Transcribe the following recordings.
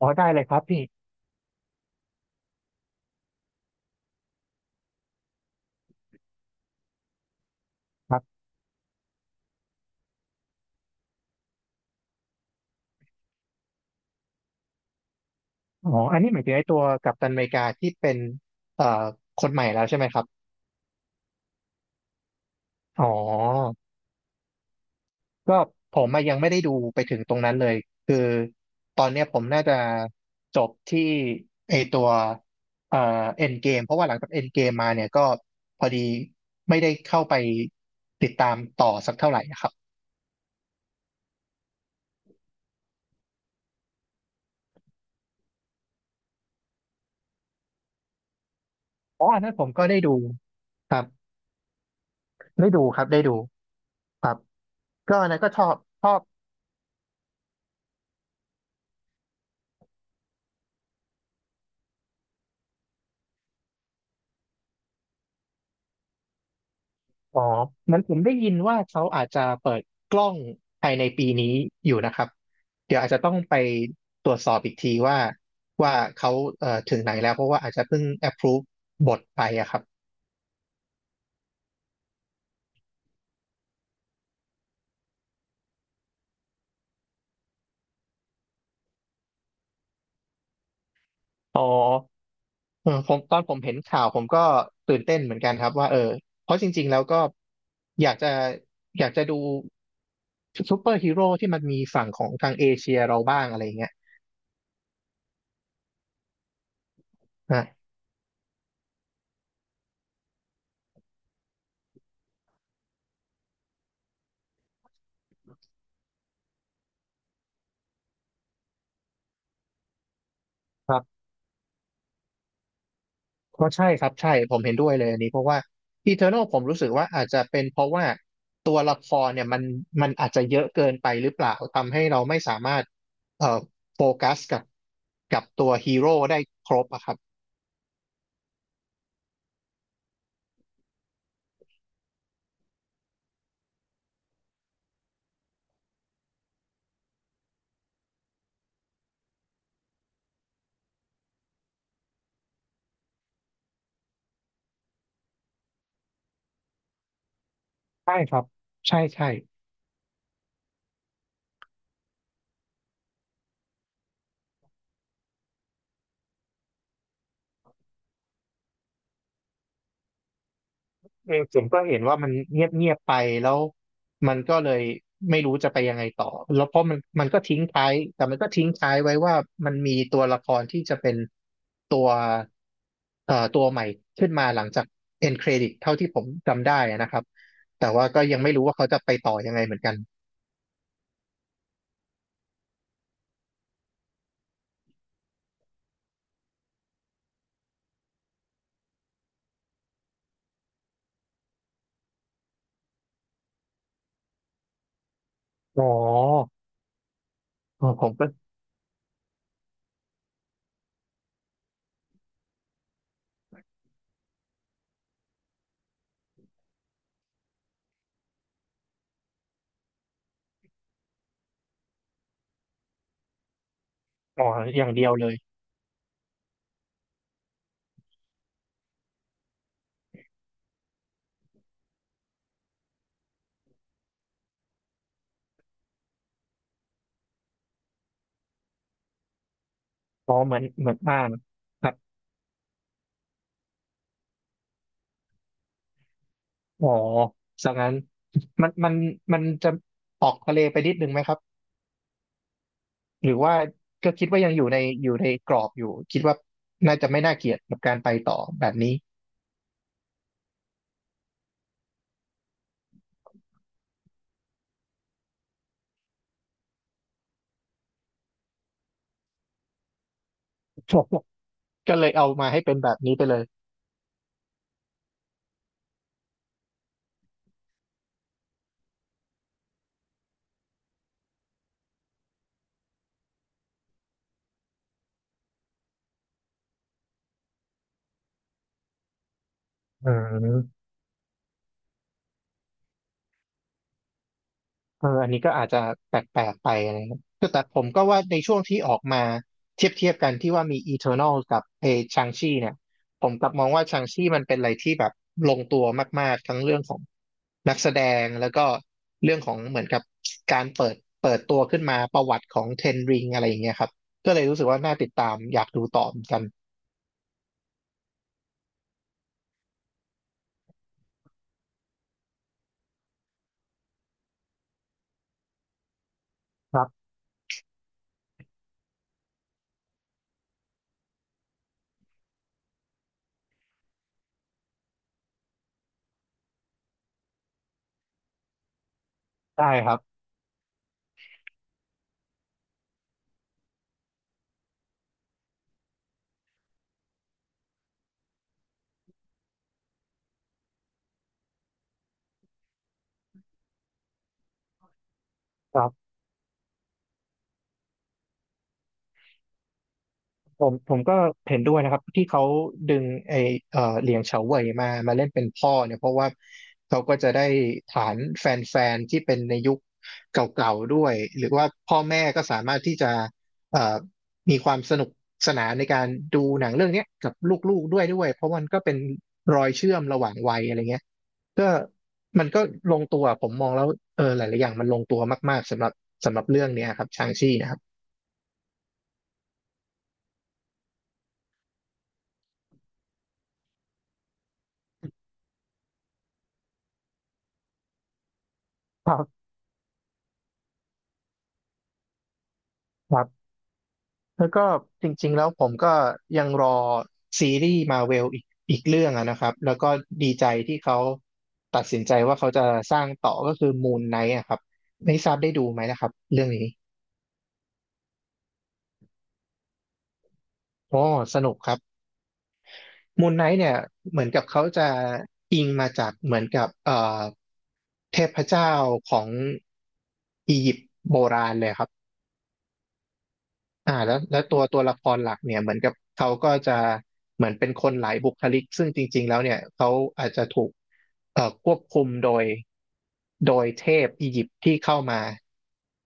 อ๋อได้เลยครับพี่ครับอ๋ออันนี้หมายถึงไอ้ตัวกัปตันอเมริกาที่เป็นเอ่อคนใหม่แล้วใช่ไหมครับอ๋อก็ผมอะยังไม่ได้ดูไปถึงตรงนั้นเลยคือตอนเนี้ยผมน่าจะจบที่ไอตัวเอ่อเอ็นเกมเพราะว่าหลังจากเอ็นเกมมาเนี่ยก็พอดีไม่ได้เข้าไปติดตามต่อสักเท่าไหร่นะครับอ๋ออันนั้นผมก็ได้ดูครับได้ดูครับได้ดูครับก็อันนั้นก็ชอบชอบ อ๋อเหมือนผมได้ยินว่าเขาอาจจะเปิดกล้องภายในปีนี้อยู่นะครับเดี๋ยวอาจจะต้องไปตรวจสอบอีกทีว่าเขาถึงไหนแล้วเพราะว่าอาจจะเพิ่ง approve บทไปอะครับอ๋อเออผมตอนผมเห็นข่าวผมก็ตื่นเต้นเหมือนกันครับว่าเออเพราะจริงๆแล้วก็อยากจะอยากจะดูซูเปอร์ฮีโร่ที่มันมีฝั่งของทางเอเชียเราบ้างอะไรเงี้ยนะครับ ก็ใช่ครับใช่ผมเห็นด้วยเลยอันนี้เพราะว่า Eternal ผมรู้สึกว่าอาจจะเป็นเพราะว่าตัวละครเนี่ยมันอาจจะเยอะเกินไปหรือเปล่าทำให้เราไม่สามารถเอ่อโฟกัสกับตัวฮีโร่ได้ครบอะครับใช่ครับใช่ใช่ เออผมก็เห็นว่ามันเงียบเงียบไปแล้วมันก็เลยไม่รู้จะไปยังไงต่อแล้วเพราะมันก็ทิ้งท้ายแต่มันก็ทิ้งท้ายไว้ว่ามันมีตัวละครที่จะเป็นตัวเอ่อตัวใหม่ขึ้นมาหลังจาก end credit เท่าที่ผมจำได้อะนะครับแต่ว่าก็ยังไม่รู้ว่าเขาจะไปต่อยังไงเหมือนกันอ๋อเออผมก็อ๋ออย่างเดียวเลยอ๋อเหมือนอ่านครับอ๋อสังนั้นมันมันมันจะออกทะเลไปนิดนึงไหมครับ หรือว่าก็คิดว่ายังอยู่ในกรอบอยู่คิดว่าน่าจะไม่น่าเกลียดกับการไปต่อแบบนี้ ก็เลยเอามาให้เป็นแบบนี้ไปเลยอืม เอออันนี้ก็อาจจะแปลกๆไปอะไรเงี้ยคือแต่ผมก็ว่าในช่วงที่ออกมาเทียบเทียบกันที่ว่ามี Eternal กับชางชีเนี่ยผมกลับมองว่าชางชีมันเป็นอะไรที่แบบลงตัวมากๆ ทั้งเรื่องของนักแสดงแล้วก็เรื่องของเหมือนกับการเปิดตัวขึ้นมาประวัติของเทนริงอะไรอย่างเงี้ยครับ ก็เลยรู้สึกว่าน่าติดตามอยากดูต่อเหมือนกันครับได้ครับ ผมก็เห็นด้วยนะครับที่เขาดึงไอเอ่อเหลียงเฉาเว่ยมาเล่นเป็นพ่อเนี่ยเพราะว่าเขาก็จะได้ฐานแฟนๆที่เป็นในยุคเก่าๆด้วยหรือว่าพ่อแม่ก็สามารถที่จะเอ่อมีความสนุกสนานในการดูหนังเรื่องเนี้ยกับลูกๆด้วยเพราะมันก็เป็นรอยเชื่อมระหว่างวัยอะไรเงี้ยก็มันก็ลงตัวผมมองแล้วเออหลายๆอย่างมันลงตัวมากๆสำหรับเรื่องเนี้ยครับชางชี่นะครับครับครับ แล้วก็จริงๆแล้วผมก็ยังรอซีรีส์มาเวลอีกเรื่องอะนะครับแล้วก็ดีใจที่เขาตัดสินใจว่าเขาจะสร้างต่อก็คือมูนไนท์อะครับไม่ทราบได้ดูไหมนะครับเรื่องนี้โอ้สนุกครับมูนไนท์เนี่ยเหมือนกับเขาจะอิงมาจากเหมือนกับเทพเจ้าของอียิปต์โบราณเลยครับ แล้วตัวละครหลักเนี่ยเหมือนกับเขาก็จะเหมือนเป็นคนหลายบุคลิกซึ่งจริงๆแล้วเนี่ยเขาอาจจะถูกควบคุมโดยเทพอียิปต์ที่เข้ามา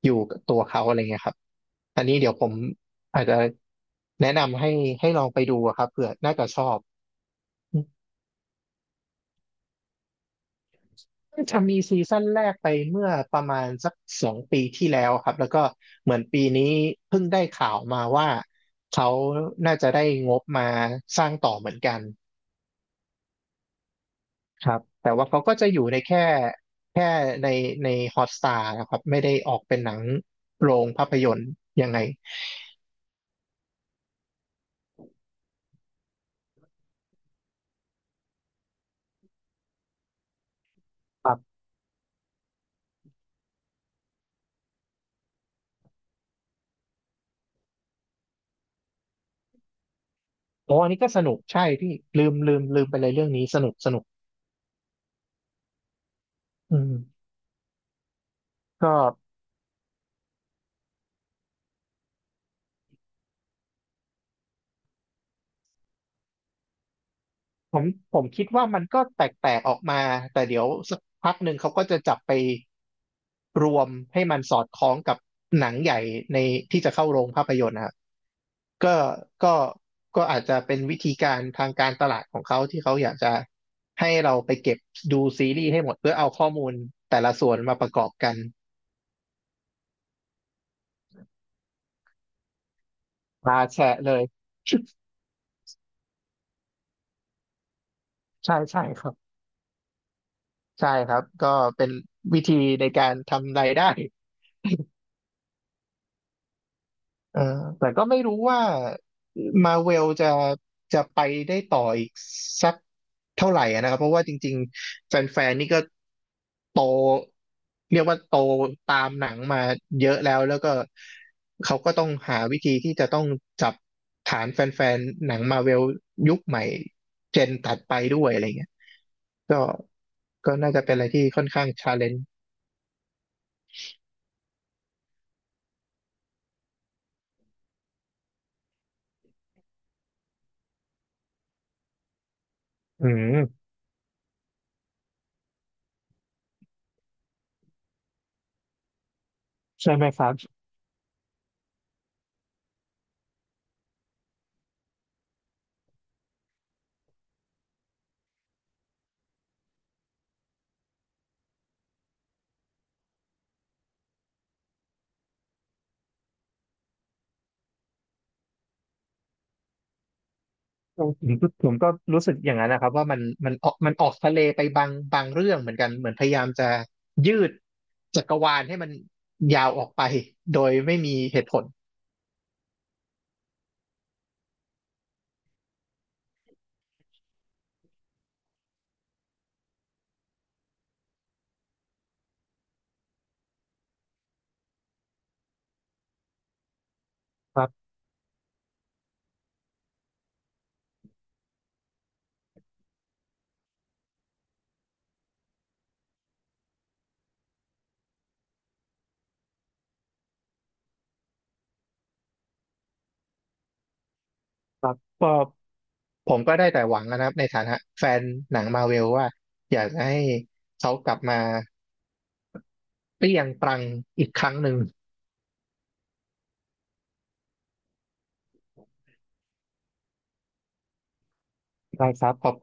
อยู่กับตัวเขาอะไรเงี้ยครับอันนี้เดี๋ยวผมอาจจะแนะนำให้ลองไปดูอะครับเผื่อน่าจะชอบ จะมีซีซั่นแรกไปเมื่อประมาณสัก2 ปีที่แล้วครับแล้วก็เหมือนปีนี้เพิ่งได้ข่าวมาว่าเขาน่าจะได้งบมาสร้างต่อเหมือนกันครับแต่ว่าเขาก็จะอยู่ในแค่ในในฮอตสตาร์นะครับไม่ได้ออกเป็นหนังโรงภาพยนตร์ยังไงครับโอ้อันนี้ก็สนุกใช่พี่ลืมไปเลยเรื่องนี้สนุกสนุกอืมก็ ผมผมคิดว่ามันก็แตกออกมาแต่เดี๋ยวสักพักหนึ่งเขาก็จะจับไปรวมให้มันสอดคล้องกับหนังใหญ่ในที่จะเข้าโรงภาพยนตร์นะครับก็ก็ก็อาจจะเป็นวิธีการทางการตลาดของเขาที่เขาอยากจะให้เราไปเก็บดูซีรีส์ให้หมดเพื่อเอาข้อมูลแต่ละส่วนมาประกอบกันมาแชะเลย ใช่ใช่ครับใช่ครับก็เป็นวิธีในการทำรายได้ เออแต่ก็ไม่รู้ว่ามาเวลจะไปได้ต่ออีกสักเท่าไหร่อะนะครับเพราะว่าจริงๆแฟนๆนี่ก็โตเรียกว่าโตตามหนังมาเยอะแล้วแล้วก็เขาก็ต้องหาวิธีที่จะต้องจับฐานแฟนๆหนังมาเวลยุคใหม่เจนถัดไปด้วยอะไรเงี้ยก็ก็น่าจะเป็นอะไรที่ค่อนข้างชาเลนจ์อืมใช่ไหมครับ ผมก็รู้สึกอย่างนั้นนะครับว่ามันออกทะเลไปบางเรื่องเหมือนกันเหมือนพยายามจะยืดจักรวาลให้มันยาวออกไปโดยไม่มีเหตุผลครับครับก็ผมก็ได้แต่หวังนะครับในฐานะแฟนหนังมาเวลว่าอยากจะให้เขากลับมาเปรี้ยงปรังอีกครั้งหนึ่งได้ครับ